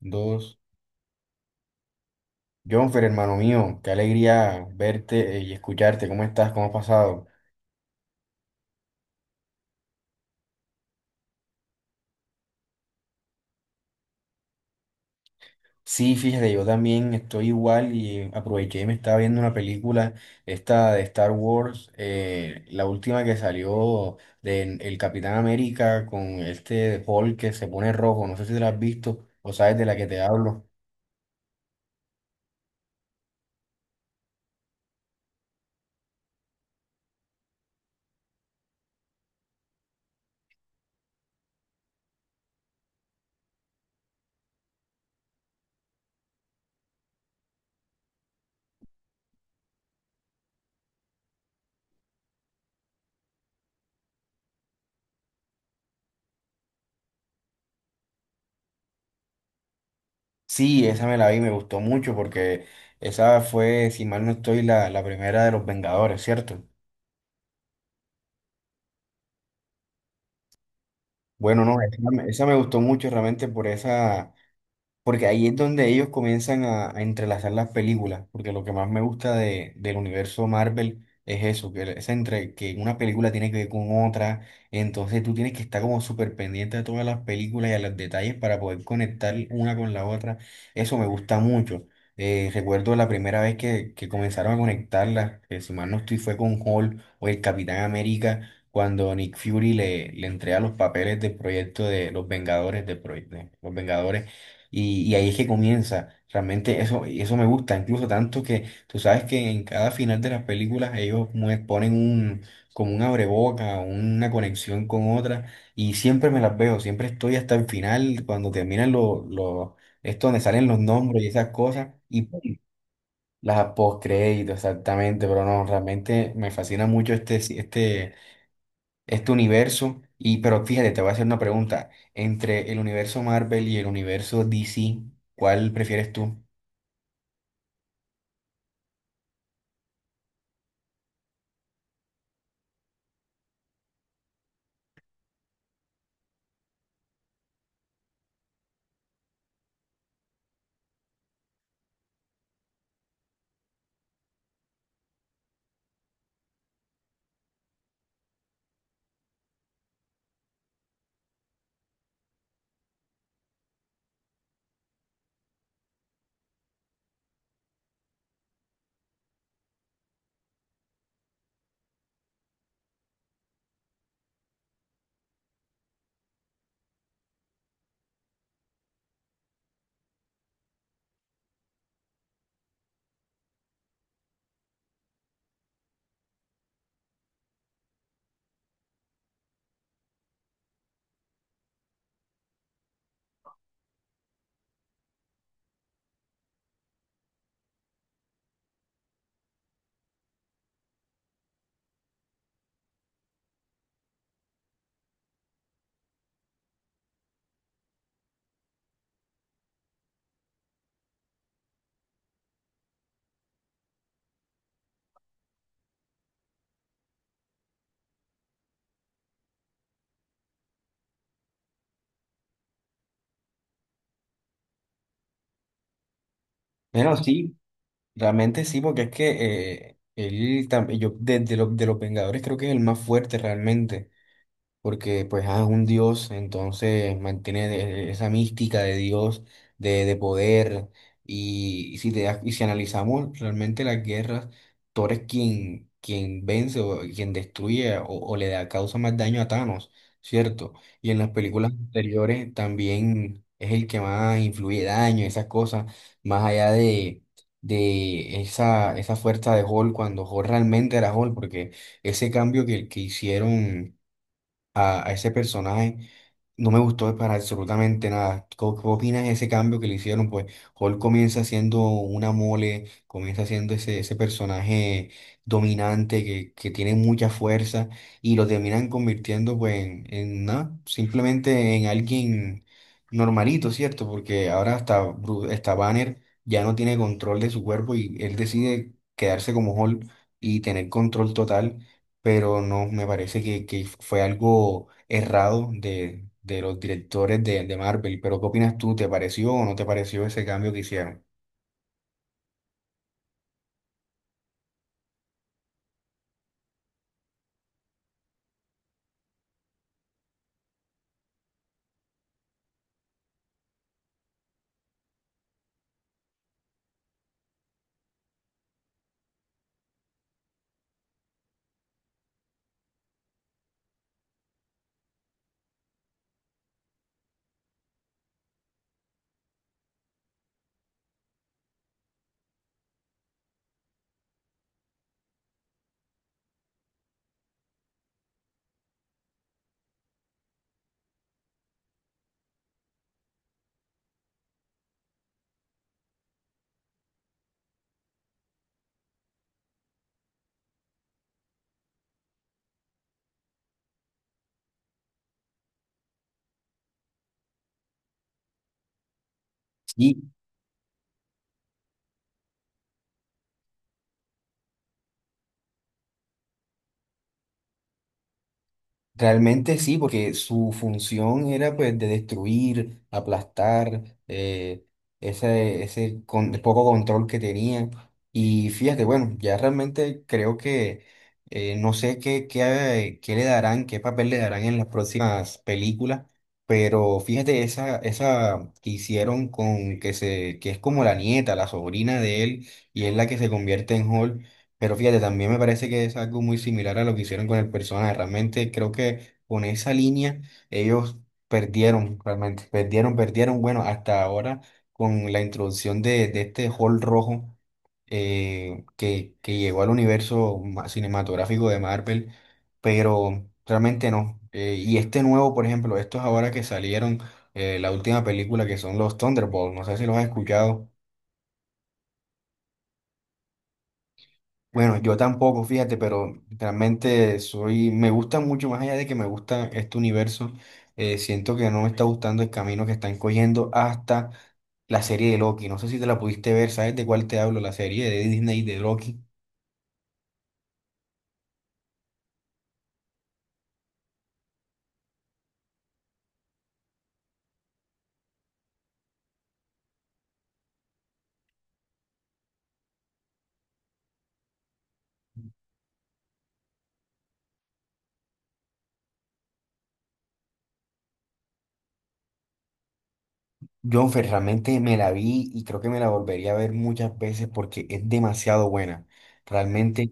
Dos. Jonfer, hermano mío, qué alegría verte y escucharte. ¿Cómo estás? ¿Cómo has pasado? Sí, fíjate, yo también estoy igual y aproveché y me estaba viendo una película, esta de Star Wars, la última que salió del el Capitán América con este Hulk que se pone rojo. No sé si te la has visto o sabes de la que te hablo. Sí, esa me la vi, me gustó mucho porque esa fue, si mal no estoy, la primera de los Vengadores, ¿cierto? Bueno, no, esa me gustó mucho realmente por esa, porque ahí es donde ellos comienzan a entrelazar las películas, porque lo que más me gusta de, del universo Marvel es eso, que, es entre, que una película tiene que ver con otra, entonces tú tienes que estar como súper pendiente de todas las películas y a los detalles para poder conectar una con la otra, eso me gusta mucho. Recuerdo la primera vez que comenzaron a conectarlas, que si mal no estoy fue con Hulk o el Capitán América, cuando Nick Fury le, le entrega los papeles del proyecto de los Vengadores, del proyecto, los Vengadores y ahí es que comienza. Realmente eso, eso me gusta, incluso tanto que tú sabes que en cada final de las películas ellos ponen un, como un abreboca, una conexión con otra, y siempre me las veo, siempre estoy hasta el final, cuando terminan los, esto donde salen los nombres y esas cosas, y ¡pum! Las postcréditos, exactamente, pero no, realmente me fascina mucho este, este, este universo. Y, pero fíjate, te voy a hacer una pregunta. Entre el universo Marvel y el universo DC, ¿cuál prefieres tú? Bueno, sí, realmente sí, porque es que yo de los Vengadores creo que es el más fuerte realmente. Porque pues es un Dios, entonces mantiene esa mística de Dios, de poder, y y si analizamos realmente las guerras, Thor es quien, quien vence o quien destruye o le da, causa más daño a Thanos, ¿cierto? Y en las películas sí, anteriores también es el que más influye daño, esas cosas, más allá de esa, esa fuerza de Hulk cuando Hulk realmente era Hulk, porque ese cambio que hicieron a ese personaje. No me gustó para absolutamente nada. ¿Qué, qué opinas de ese cambio que le hicieron? Pues Hulk comienza siendo una mole, comienza siendo ese, ese personaje dominante que tiene mucha fuerza y lo terminan convirtiendo pues en nada, simplemente en alguien normalito, ¿cierto? Porque ahora hasta, hasta Banner ya no tiene control de su cuerpo y él decide quedarse como Hulk y tener control total, pero no, me parece que fue algo errado de los directores de Marvel. Pero ¿qué opinas tú? ¿Te pareció o no te pareció ese cambio que hicieron? Sí. Realmente sí, porque su función era pues de destruir, aplastar, ese, poco control que tenía. Y fíjate, bueno, ya realmente creo que no sé qué, qué, qué le darán, qué papel le darán en las próximas películas, pero fíjate esa, esa que hicieron con que se, que es como la nieta, la sobrina de él, y es la que se convierte en Hulk. Pero fíjate, también me parece que es algo muy similar a lo que hicieron con el personaje. Realmente creo que con esa línea ellos perdieron, realmente, perdieron, perdieron. Bueno, hasta ahora con la introducción de este Hall rojo que llegó al universo cinematográfico de Marvel, pero realmente no. Y este nuevo, por ejemplo, estos ahora que salieron, la última película que son los Thunderbolts, no sé si los has escuchado. Bueno, yo tampoco, fíjate, pero realmente soy, me gusta mucho, más allá de que me gusta este universo, siento que no me está gustando el camino que están cogiendo hasta la serie de Loki. No sé si te la pudiste ver, ¿sabes de cuál te hablo? La serie de Disney de Loki. Yo Fer, realmente me la vi y creo que me la volvería a ver muchas veces porque es demasiado buena. Realmente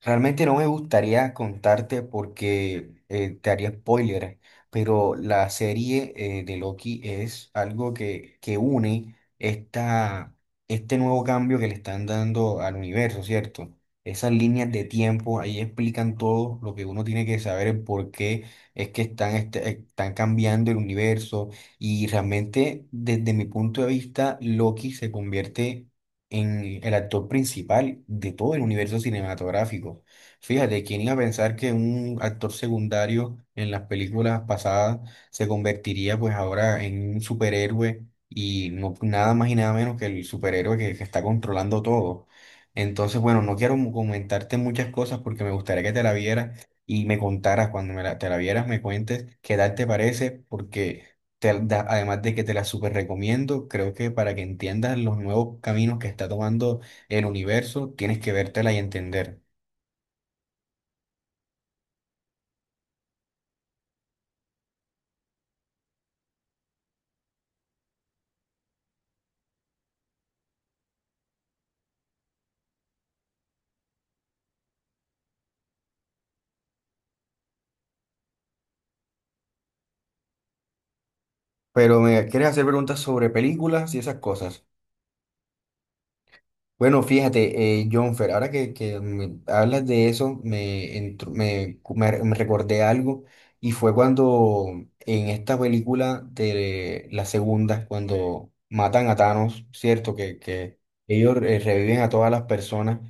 realmente no me gustaría contarte porque te haría spoiler, pero la serie de Loki es algo que une esta, este nuevo cambio que le están dando al universo, ¿cierto? Esas líneas de tiempo, ahí explican todo lo que uno tiene que saber, el por qué es que están, están cambiando el universo y realmente desde mi punto de vista, Loki se convierte en el actor principal de todo el universo cinematográfico. Fíjate, ¿quién iba a pensar que un actor secundario en las películas pasadas se convertiría pues ahora en un superhéroe y no, nada más y nada menos que el superhéroe que está controlando todo? Entonces, bueno, no quiero comentarte muchas cosas porque me gustaría que te la vieras y me contaras cuando te la vieras, me cuentes qué tal te parece, porque además de que te la súper recomiendo, creo que para que entiendas los nuevos caminos que está tomando el universo, tienes que vértela y entender. Pero me quieres hacer preguntas sobre películas y esas cosas. Bueno, fíjate, Jonfer, ahora que me hablas de eso, me, entr- me- me recordé algo y fue cuando en esta película de la segunda, cuando matan a Thanos, ¿cierto? Que ellos reviven a todas las personas.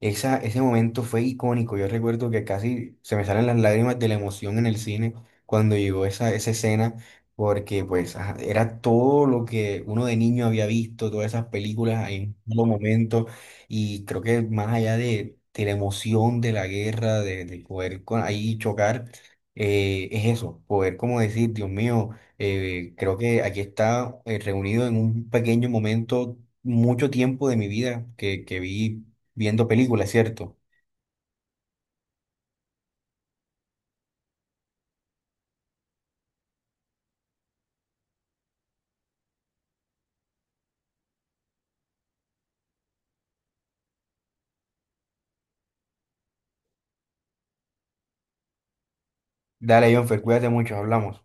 Esa, ese momento fue icónico. Yo recuerdo que casi se me salen las lágrimas de la emoción en el cine cuando llegó esa, esa escena, porque pues ajá, era todo lo que uno de niño había visto, todas esas películas en un solo momento. Y creo que más allá de la emoción de la guerra, de ahí chocar, es eso, poder como decir, Dios mío, creo que aquí está reunido en un pequeño momento. Mucho tiempo de mi vida que vi viendo películas, cierto. Dale, Jonfer, cuídate mucho, hablamos.